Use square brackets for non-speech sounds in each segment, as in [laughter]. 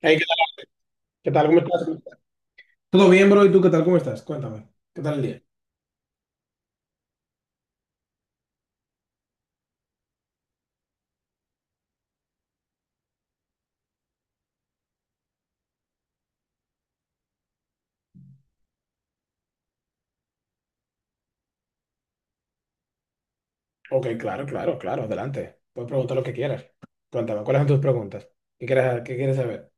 Hey, ¿qué tal? ¿Qué tal? ¿Cómo estás? Todo bien, bro. ¿Y tú qué tal? ¿Cómo estás? Cuéntame. ¿Qué tal el día? Ok, claro, claro, claro, adelante. Puedes preguntar lo que quieras. Cuéntame, ¿cuáles son tus preguntas? ¿Qué quieres saber?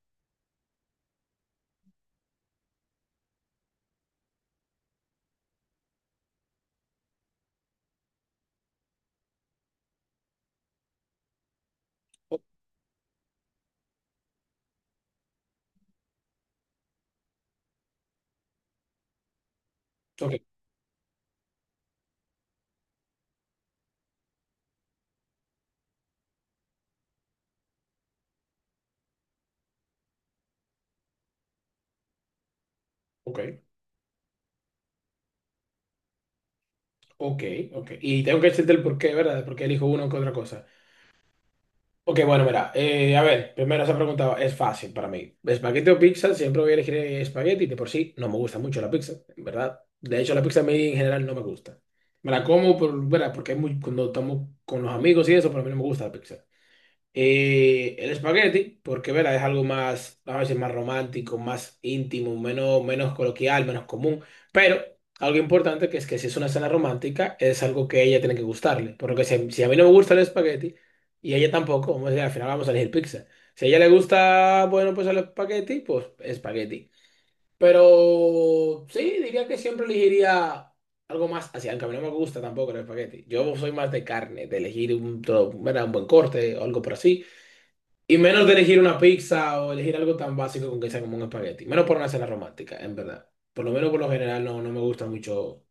O- Ok, ok, ok, ok. Y tengo que decirte el porqué, ¿verdad? De por qué, ¿verdad? Porque elijo uno que otra cosa. Ok, bueno, mira, a ver, primero esa pregunta es fácil para mí. ¿Espagueti o pizza? Siempre voy a elegir espagueti, de por sí no me gusta mucho la pizza, en ¿verdad? De hecho, la pizza a mí en general no me gusta. Me la como por, ¿verdad? Porque es muy, cuando estamos con los amigos y eso, pero a mí no me gusta la pizza. El espagueti, porque verá, es algo más, vamos a decir, más romántico, más íntimo, menos, menos coloquial, menos común. Pero algo importante que es que si es una cena romántica, es algo que a ella tiene que gustarle. Por lo que si a mí no me gusta el espagueti y a ella tampoco, vamos a decir, al final vamos a elegir pizza. Si a ella le gusta, bueno, pues el espagueti, pues espagueti. Pero sí, diría que siempre elegiría algo más así, aunque a mí no me gusta tampoco el espagueti. Yo soy más de carne, de elegir un, ¿verdad? Un buen corte o algo por así. Y menos de elegir una pizza o elegir algo tan básico con que sea como un espagueti. Menos por una cena romántica, en verdad. Por lo menos por lo general no me gustan mucho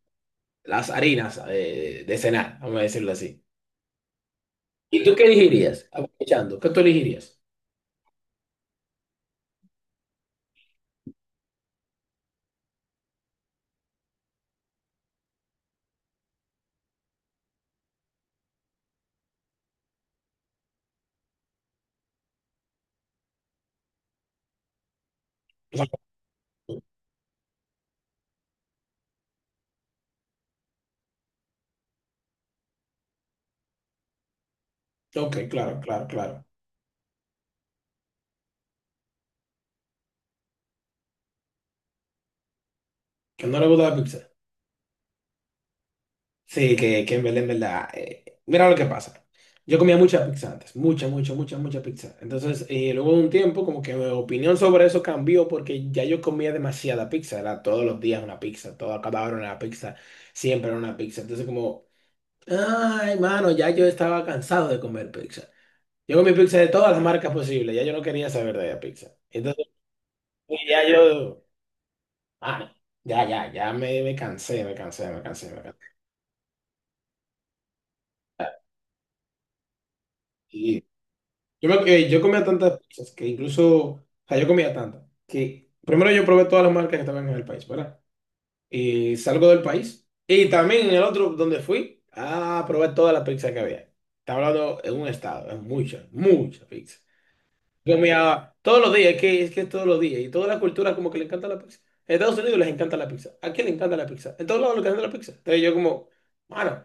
las harinas de cenar, vamos a decirlo así. ¿Y tú qué elegirías? Aprovechando, ¿qué tú elegirías? O sea, ok, claro, claro, claro. Que no le gusta la pizza. Sí, que en verdad, en verdad. Mira lo que pasa. Yo comía mucha pizza antes, mucha, mucha, mucha, mucha pizza. Entonces, luego de un tiempo, como que mi opinión sobre eso cambió porque ya yo comía demasiada pizza. Era todos los días una pizza, toda cada hora una pizza, siempre era una pizza. Entonces, como, ay, mano, ya yo estaba cansado de comer pizza. Yo comí pizza de todas las marcas posibles, ya yo no quería saber de la pizza. Entonces, ya yo, ah, ya, ya, ya me cansé, me cansé, me cansé, me cansé. Yo comía tantas pizzas que incluso, o sea, yo comía tantas que primero yo probé todas las marcas que estaban en el país, ¿verdad? Y salgo del país y también en el otro donde fui a probar todas las pizzas que había. Está hablando en un estado, es mucha, mucha pizza. Yo comía todos los días, es que es todos los días y todas las culturas como que le encanta la pizza. En Estados Unidos les encanta la pizza, aquí le encanta la pizza, en todos lados les encanta la pizza. Entonces yo como, mano,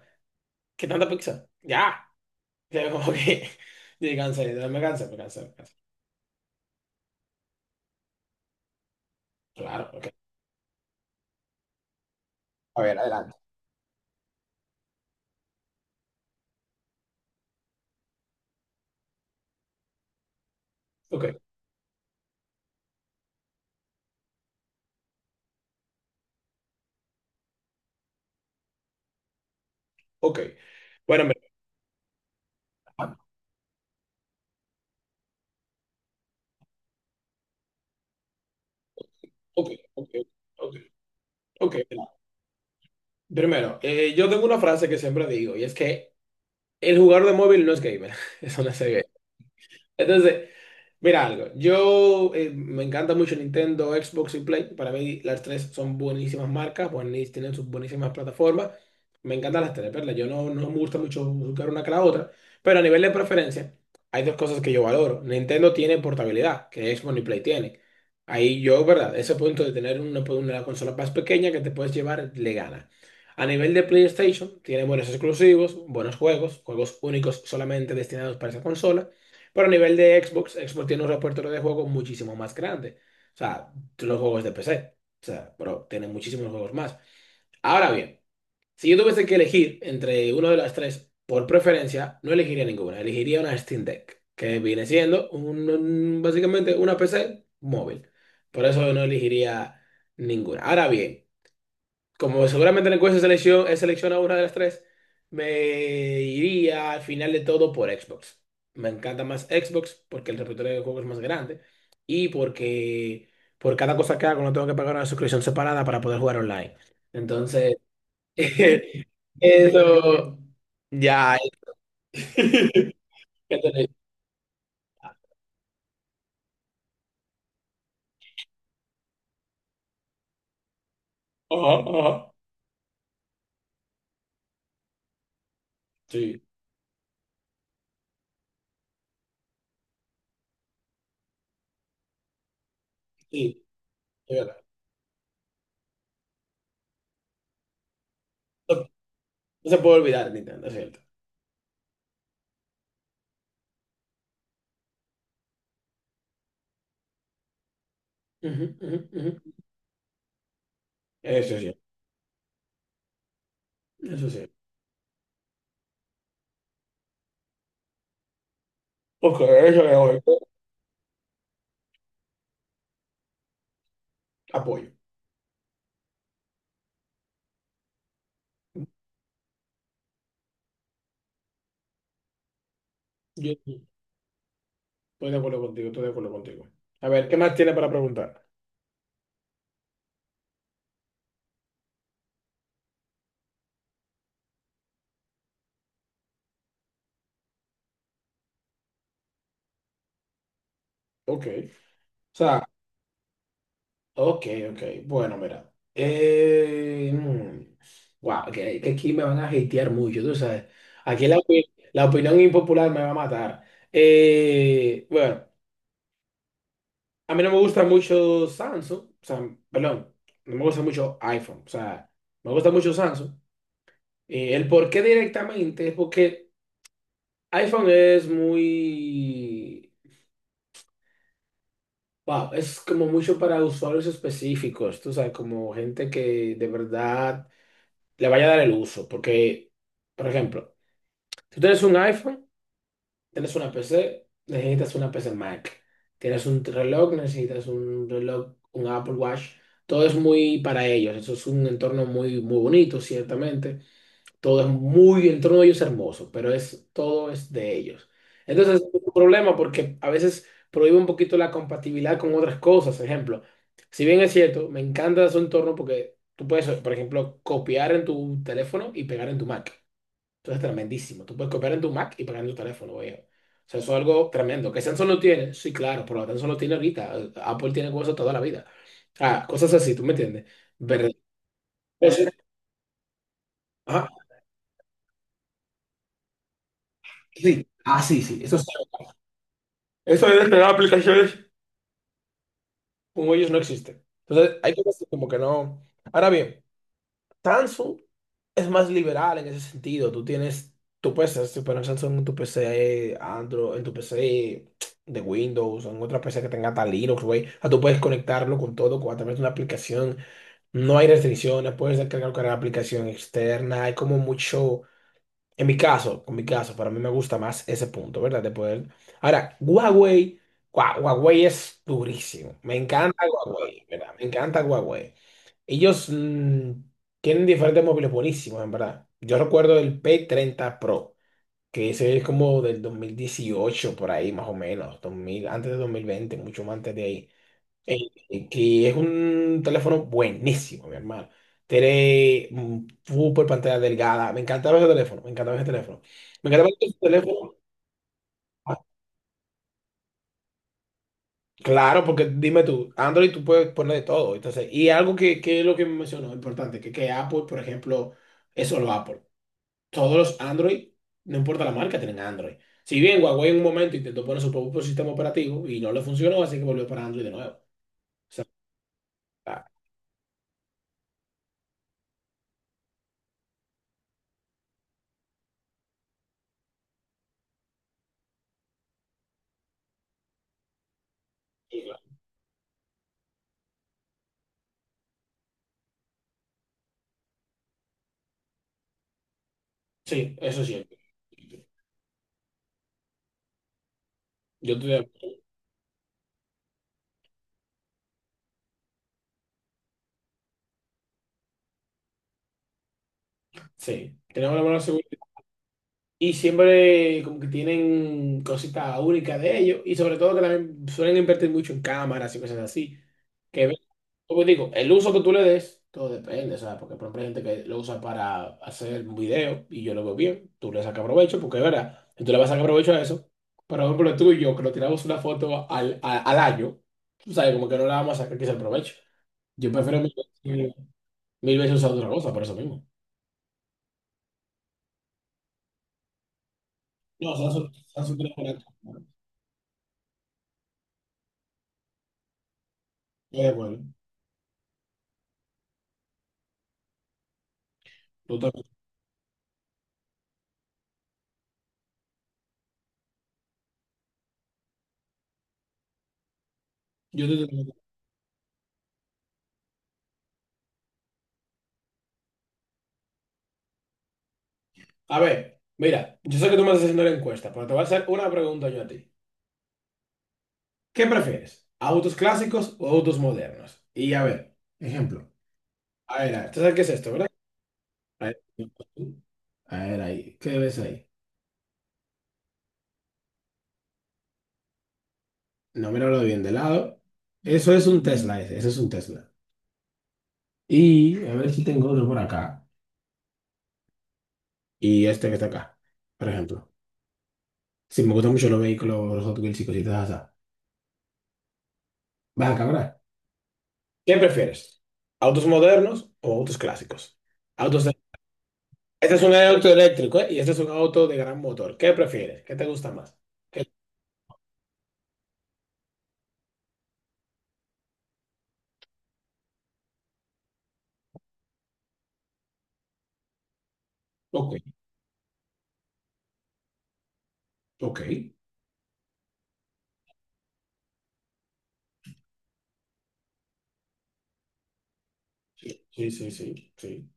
¿qué tanta pizza? Ya, [laughs] o sea, como que, [laughs] me cansé, me cansé, me cansé. Me cansé. Claro, a ver, adelante. Ok, ok. Bueno, mira, ok, ok, ok, ok, mira. Primero, yo tengo una frase que siempre digo y es que el jugador de móvil no es gamer. [laughs] Eso no es gamer. Entonces, mira algo, yo me encanta mucho Nintendo, Xbox y Play. Para mí las tres son buenísimas marcas, tienen sus buenísimas plataformas. Me encantan las tres, ¿verdad? Yo no, no me gusta mucho buscar una que la otra, pero a nivel de preferencia hay dos cosas que yo valoro. Nintendo tiene portabilidad, que Xbox y Play tienen. Ahí yo, ¿verdad? Ese punto de tener una, pues, una consola más pequeña que te puedes llevar le gana. A nivel de PlayStation, tiene buenos exclusivos, buenos juegos, juegos únicos solamente destinados para esa consola. Pero a nivel de Xbox, Xbox tiene un repertorio de juegos muchísimo más grande. O sea, los juegos de PC. O sea, pero tiene muchísimos juegos más. Ahora bien, si yo tuviese que elegir entre uno de las tres, por preferencia, no elegiría ninguna. Elegiría una Steam Deck, que viene siendo básicamente una PC móvil. Por eso no elegiría ninguna. Ahora bien, como seguramente el encuesta selección, he seleccionado una de las tres, me iría al final de todo por Xbox. Me encanta más Xbox porque el repertorio de juegos es más grande y porque por cada cosa que hago no tengo que pagar una suscripción separada para poder jugar online. Entonces, [laughs] eso ya es. [laughs] ¿Qué tenéis? Ajá, ajá. Sí, sí, es verdad. No, no se puede olvidar Nintendo, es cierto. Ujú, ujú, ujú. Eso sí, eso sí. Ok, eso es bueno. Apoyo. Yo estoy de acuerdo contigo, estoy de acuerdo contigo. A ver, ¿qué más tiene para preguntar? Ok. O sea, ok, ok. Bueno, mira. Wow, que aquí me van a hatear mucho, tú sabes. Aquí la, la opinión impopular me va a matar. Bueno, a mí no me gusta mucho Samsung. O sea, perdón, no me gusta mucho iPhone. O sea, me gusta mucho Samsung. El por qué directamente es porque iPhone es muy... Wow, es como mucho para usuarios específicos, tú sabes, como gente que de verdad le vaya a dar el uso, porque, por ejemplo, si tú tienes un iPhone, tienes una PC, necesitas una PC Mac, tienes un reloj, necesitas un reloj, un Apple Watch, todo es muy para ellos, eso es un entorno muy, muy bonito, ciertamente, todo es muy, el entorno de ellos es hermoso, pero es, todo es de ellos. Entonces, es un problema porque a veces prohíbe un poquito la compatibilidad con otras cosas. Ejemplo, si bien es cierto, me encanta su entorno porque tú puedes, por ejemplo, copiar en tu teléfono y pegar en tu Mac. Eso es tremendísimo. Tú puedes copiar en tu Mac y pegar en tu teléfono, viejo. O sea, eso es algo tremendo. ¿Que Samsung lo tiene? Sí, claro, pero Samsung lo tiene ahorita. Apple tiene cosas toda la vida. Ah, cosas así, ¿tú me entiendes? Verdad Eso- ajá, sí. Ah, sí, sí. Eso es eso de descargar aplicaciones como ellos no existe. Entonces, hay cosas que como que no. Ahora bien, Samsung es más liberal en ese sentido. Tú tienes tu PC, si pones Samsung en tu PC, Android, en tu PC de Windows, o en otra PC que tenga tal Linux, güey. O sea, tú puedes conectarlo con todo a través de una aplicación. No hay restricciones, puedes descargar cualquier aplicación externa. Hay como mucho. En mi caso, para mí me gusta más ese punto, ¿verdad? De poder. Ahora, Huawei, Huawei es durísimo. Me encanta Huawei, ¿verdad? Me encanta Huawei. Ellos tienen diferentes móviles buenísimos, en verdad. Yo recuerdo el P30 Pro, que ese es como del 2018 por ahí, más o menos, 2000 antes de 2020, mucho más antes de ahí eh, que es un teléfono buenísimo, mi hermano. Tiene super pantalla delgada. Me encantaba ese teléfono, me encantaba ese teléfono. Me encantaba ese teléfono. Ah, claro, porque dime tú, Android tú puedes poner de todo. Entonces, y algo que es lo que me mencionó, importante, que Apple, por ejemplo, es solo Apple. Todos los Android, no importa la marca, tienen Android. Si bien Huawei en un momento intentó poner su propio sistema operativo y no le funcionó, así que volvió para Android de nuevo. O sea, ah, sí, eso es cierto. Yo te Sí, tenemos la buena seguridad. Y siempre como que tienen cositas únicas de ellos. Y sobre todo que también suelen invertir mucho en cámaras y cosas así. Que, como digo, el uso que tú le des, todo depende, ¿sabes? Porque por ejemplo hay gente que lo usa para hacer un video y yo lo veo bien. Tú le sacas provecho, porque es verdad. Y tú le vas a sacar provecho a eso. Pero por ejemplo tú y yo, que nos tiramos una foto al año, tú sabes, como que no la vamos a sacar quizá el provecho. Yo prefiero mil veces, mil veces usar otra cosa, por eso mismo. No, Samsung, Samsung tiene buena cámara. Bueno, tú también. Yo te tengo- A ver, mira, yo sé que tú me estás haciendo la encuesta, pero te voy a hacer una pregunta yo a ti. ¿Qué prefieres? ¿Autos clásicos o autos modernos? Y a ver, ejemplo. A ver, ¿tú sabes qué es esto, verdad? A ver, a ver, ahí, ¿qué ves ahí? No, míralo bien de lado. Eso es un Tesla, ese es un Tesla. Y a ver si tengo otro por acá. Y este que está acá, por ejemplo. Si me gustan mucho los vehículos, los Hot Wheels y cositas así. Vas acá, ¿verdad? ¿Qué prefieres? ¿Autos modernos o autos clásicos? Autos de- Este es un auto eléctrico, ¿eh? Y este es un auto de gran motor. ¿Qué prefieres? ¿Qué te gusta más? ¿Qué- Ok, ok, sí, sí, sí, sí, sí.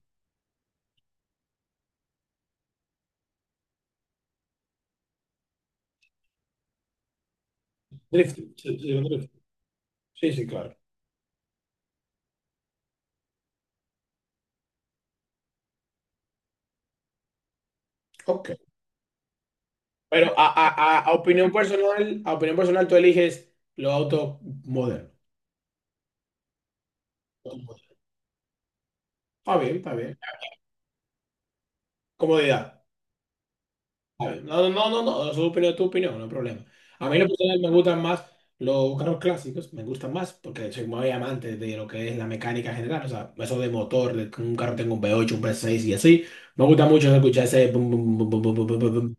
Drifting. Sí, sí, un drifting. Sí, sí, claro. Ok. Pero a opinión personal, tú eliges los autos modernos. Está bien, está bien. Comodidad. ¿Sabes? No, no, no, no, no, su opinión es tu opinión, no hay problema. A mí en lo personal me gustan más los carros clásicos, me gustan más porque soy muy amante de lo que es la mecánica general, o sea, eso de motor, de que un carro tenga un V8, un V6 y así. Me gusta mucho escuchar ese... bum, bum, bum, bum, bum, bum, bum, bum, bum.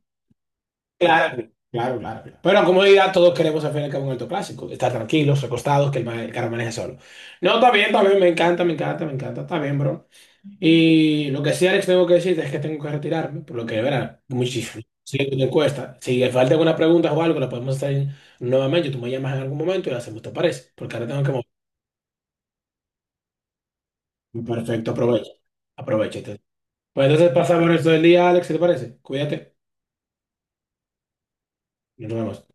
Claro, claro, claro, claro. Pero en comodidad todos queremos al fin y al cabo un auto clásico, estar tranquilos, recostados, que el, el carro maneje solo. No, está bien, me encanta, me encanta, me encanta, está bien, bro. Y lo que sí, Alex, tengo que decirte es que tengo que retirarme, por lo que, de verdad, muchísimo. Sí, te cuesta. Si te falta alguna pregunta o algo, la podemos hacer nuevamente. Tú me llamas en algún momento y la hacemos, ¿te parece? Porque ahora tengo que mover. Perfecto, aprovecho. Aprovecho entonces. Pues entonces pasamos el resto del día, Alex, ¿te parece? Cuídate, nos vemos.